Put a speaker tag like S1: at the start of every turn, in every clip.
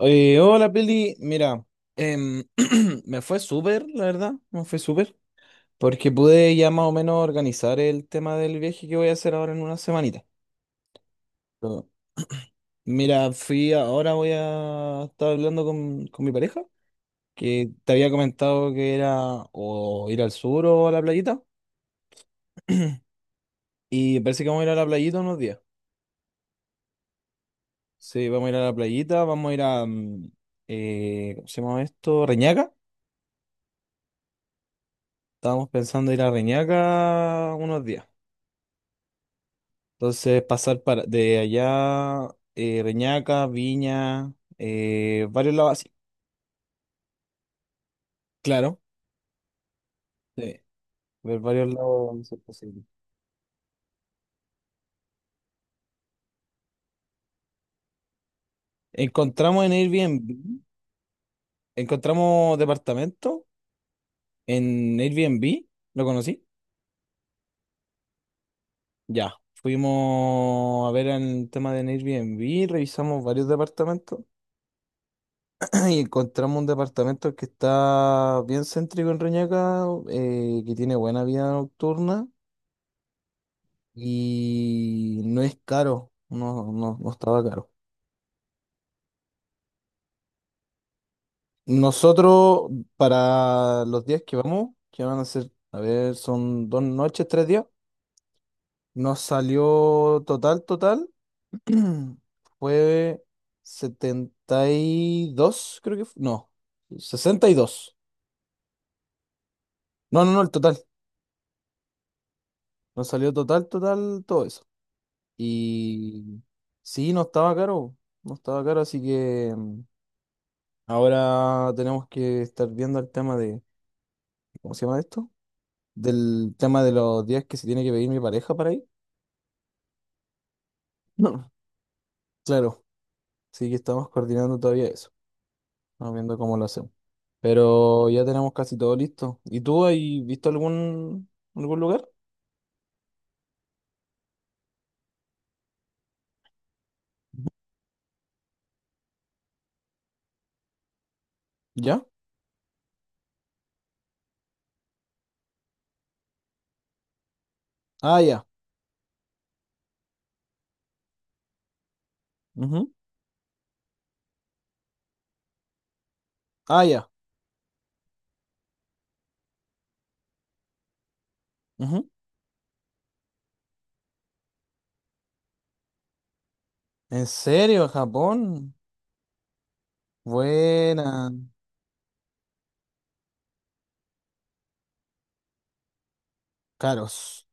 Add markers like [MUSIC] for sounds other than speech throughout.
S1: Hola Pili, mira, em, [CLEARS THROAT] me fue súper, la verdad, me fue súper, porque pude ya más o menos organizar el tema del viaje que voy a hacer ahora en una semanita. Pero, mira, fui, ahora voy a estar hablando con mi pareja, que te había comentado que era o ir al sur o a la playita, [CLEARS THROAT] y parece que vamos a ir a la playita unos días. Sí, vamos a ir a la playita, vamos a ir a, ¿cómo se llama esto? Reñaca. Estábamos pensando ir a Reñaca unos días. Entonces, pasar para, de allá, Reñaca, Viña, varios lados así. Claro. Sí, ver varios lados si es posible. Encontramos en Airbnb, encontramos departamento en Airbnb, ¿lo conocí? Ya, fuimos a ver el tema de Airbnb, revisamos varios departamentos [CLEARS THROAT] y encontramos un departamento que está bien céntrico en Reñaca, que tiene buena vida nocturna y no es caro, no, no, no estaba caro. Nosotros, para los días que vamos, que van a ser, a ver, son 2 noches, 3 días, nos salió total, total, [CLEARS THROAT] fue 72 creo que fue, no, 62. No, no, no, el total. Nos salió total, total, todo eso. Y sí, no estaba caro, no estaba caro, así que, ahora tenemos que estar viendo el tema de, ¿cómo se llama esto? Del tema de los días que se tiene que pedir mi pareja para ir. [LAUGHS] No. Claro, sí que estamos coordinando todavía eso, estamos viendo cómo lo hacemos. Pero ya tenemos casi todo listo. ¿Y tú has visto algún lugar? ¿Ya? Ah, ya. Ujú. Ah, ya. Ujú. ¿En serio, Japón? Buena. Caros.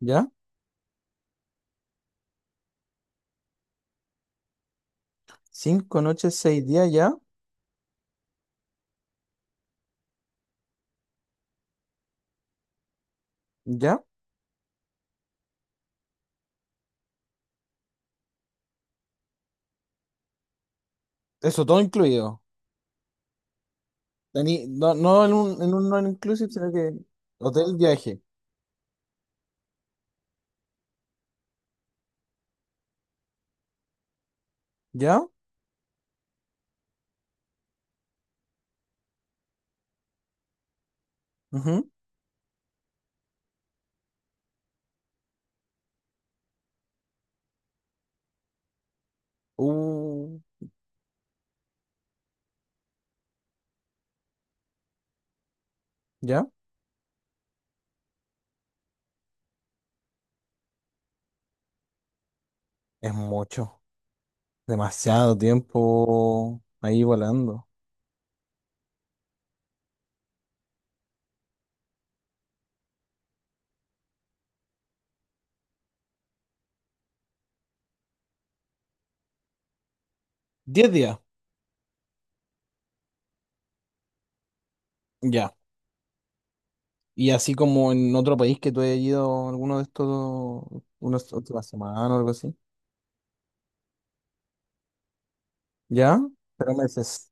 S1: ¿Ya? 5 noches, 6 días, ¿ya? ¿Ya? Eso todo incluido. No, no en un, non inclusive, sino que hotel, viaje. ¿Ya? Ujú. Uh, ¿Ya? Es mucho, demasiado tiempo ahí volando. 10 días, ya. Y así como en otro país que tú hayas ido alguno de estos, unas últimas semanas o algo así. ¿Ya? Pero meses.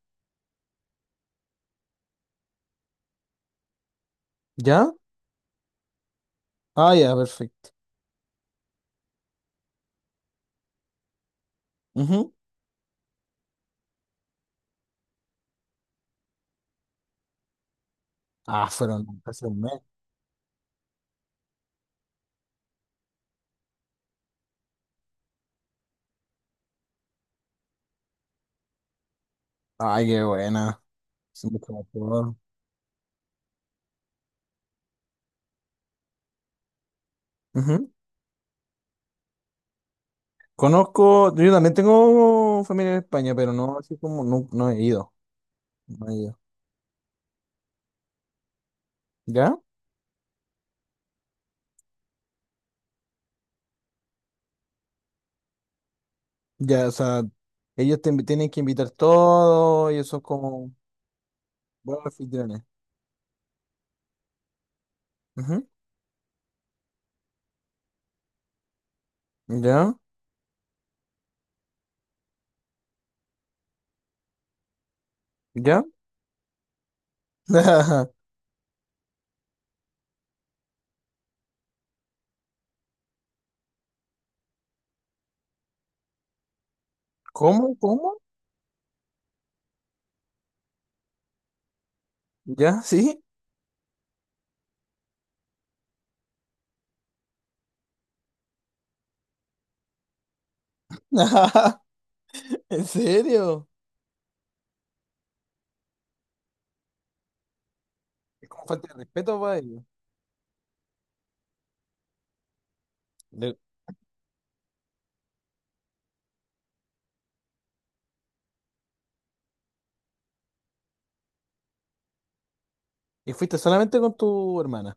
S1: ¿Ya? Ah, ya, perfecto. Ujú. Ah, fueron casi un mes. Ay, qué buena. Es mucho mejor. Ujú. Conozco, yo también tengo familia en España, pero no así como, no, no he ido. No he ido. ¿Ya? Ya, o sea, ellos tienen que invitar todo y eso es como buenos anfitriones. Ujú. Ya, ya. [LAUGHS] ¿Cómo? ¿Cómo? ¿Ya? ¿Sí? [LAUGHS] ¿En serio? Es como falta de respeto para ellos. De- ¿Y fuiste solamente con tu hermana?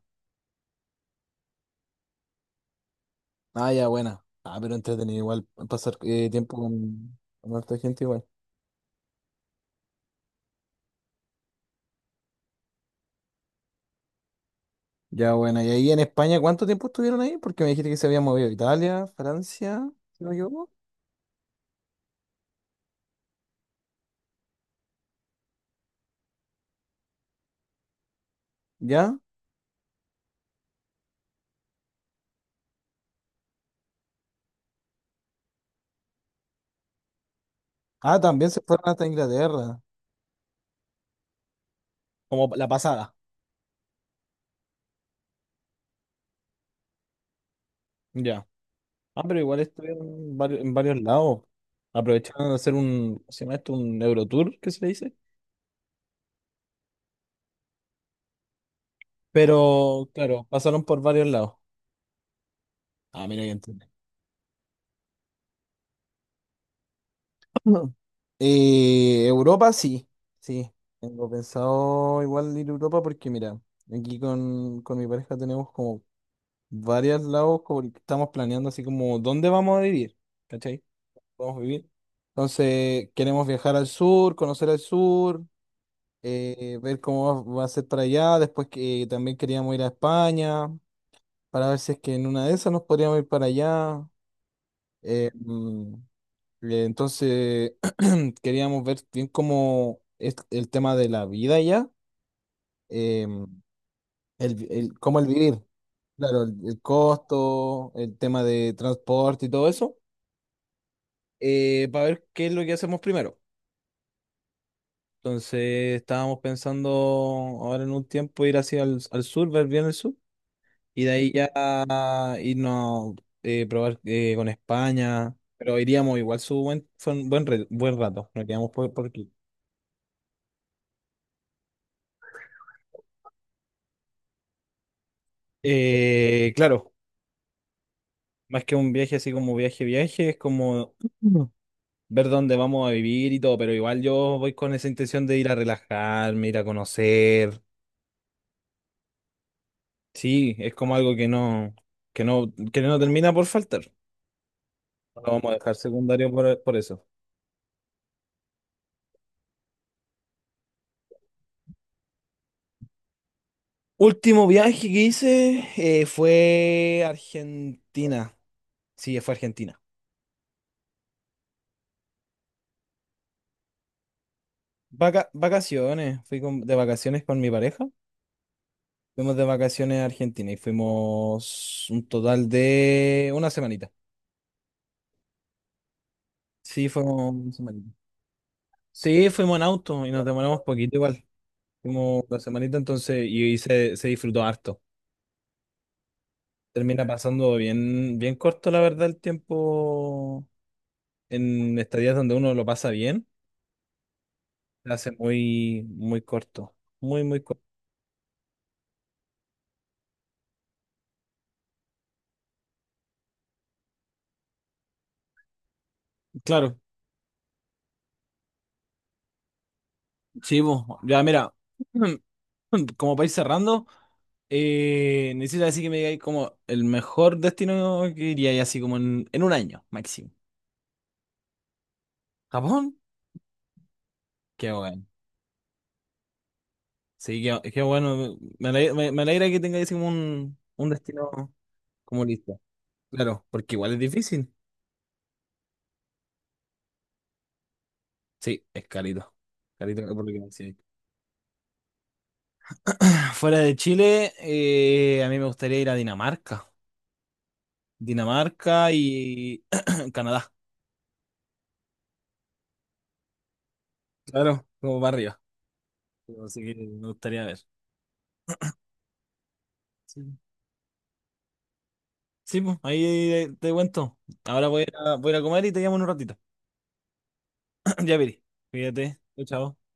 S1: Ah, ya, buena. Ah, pero entretenido igual pasar tiempo con, harta gente igual. Ya, buena. ¿Y ahí en España cuánto tiempo estuvieron ahí? Porque me dijiste que se habían movido a Italia, Francia, si no me equivoco. ¿Ya? Ah, también se fueron hasta Inglaterra. Como la pasada, ya. Ah, pero igual estuvieron en varios, lados. Aprovecharon de hacer un, ¿cómo se llama esto? Un Eurotour, ¿qué se le dice? Pero, claro, pasaron por varios lados. Ah, mira, ya entendí. [LAUGHS] Ujú. Europa sí, sí. Tengo pensado igual ir a Europa porque, mira, aquí con mi pareja tenemos como varios lados como que estamos planeando así como dónde vamos a vivir, ¿cachai? Vamos a vivir. Entonces, queremos viajar al sur, conocer al sur. Ver cómo va a ser para allá. Después que también queríamos ir a España para ver si es que en una de esas nos podríamos ir para allá. Eh, mm, entonces [CLEARS THROAT] queríamos ver bien cómo es el tema de la vida allá, eh, cómo el vivir, claro, el costo, el tema de transporte y todo eso, para ver qué es lo que hacemos primero. Entonces estábamos pensando ahora en un tiempo ir hacia el al sur, ver bien el sur. Y de ahí ya irnos probar con España. Pero iríamos igual su buen, fue un buen, buen rato. Nos quedamos por, aquí. Claro, más que un viaje así como viaje, viaje, es como [CLEARS THROAT] ver dónde vamos a vivir y todo. Pero igual yo voy con esa intención de ir a relajarme, ir a conocer. Sí, es como algo que no termina por faltar. No lo vamos a dejar secundario por eso. Último viaje que hice fue Argentina. Sí, fue a Argentina. Vacaciones, fui de vacaciones con mi pareja. Fuimos de vacaciones a Argentina y fuimos un total de una semanita. Sí, fuimos una semanita. Sí, fuimos en auto y nos demoramos poquito igual. Fuimos la semanita entonces y se disfrutó harto. Termina pasando bien, bien corto, la verdad, el tiempo en estadías donde uno lo pasa bien. Se hace muy, muy corto. Muy, muy corto. Claro. Sí, vos, ya mira, [CLEARS THROAT] como país cerrando, necesito así que me digáis como el mejor destino que iría así como en, un año máximo. ¿Japón? Qué bueno. Sí, qué bueno. Me alegra, me alegra que tengáis como un destino como listo. Claro, porque igual es difícil. Sí, es carito. Carito por lo que me decíais. [CLEARS THROAT] Fuera de Chile, a mí me gustaría ir a Dinamarca. Dinamarca y [CLEARS THROAT] Canadá. Claro, como barrio. Pero así que me gustaría ver. Sí, sí, pues, ahí te cuento. Ahora voy a ir a comer y te llamo en un ratito. [CLEARS THROAT] Ya, Piri. Cuídate. Chao. Chao.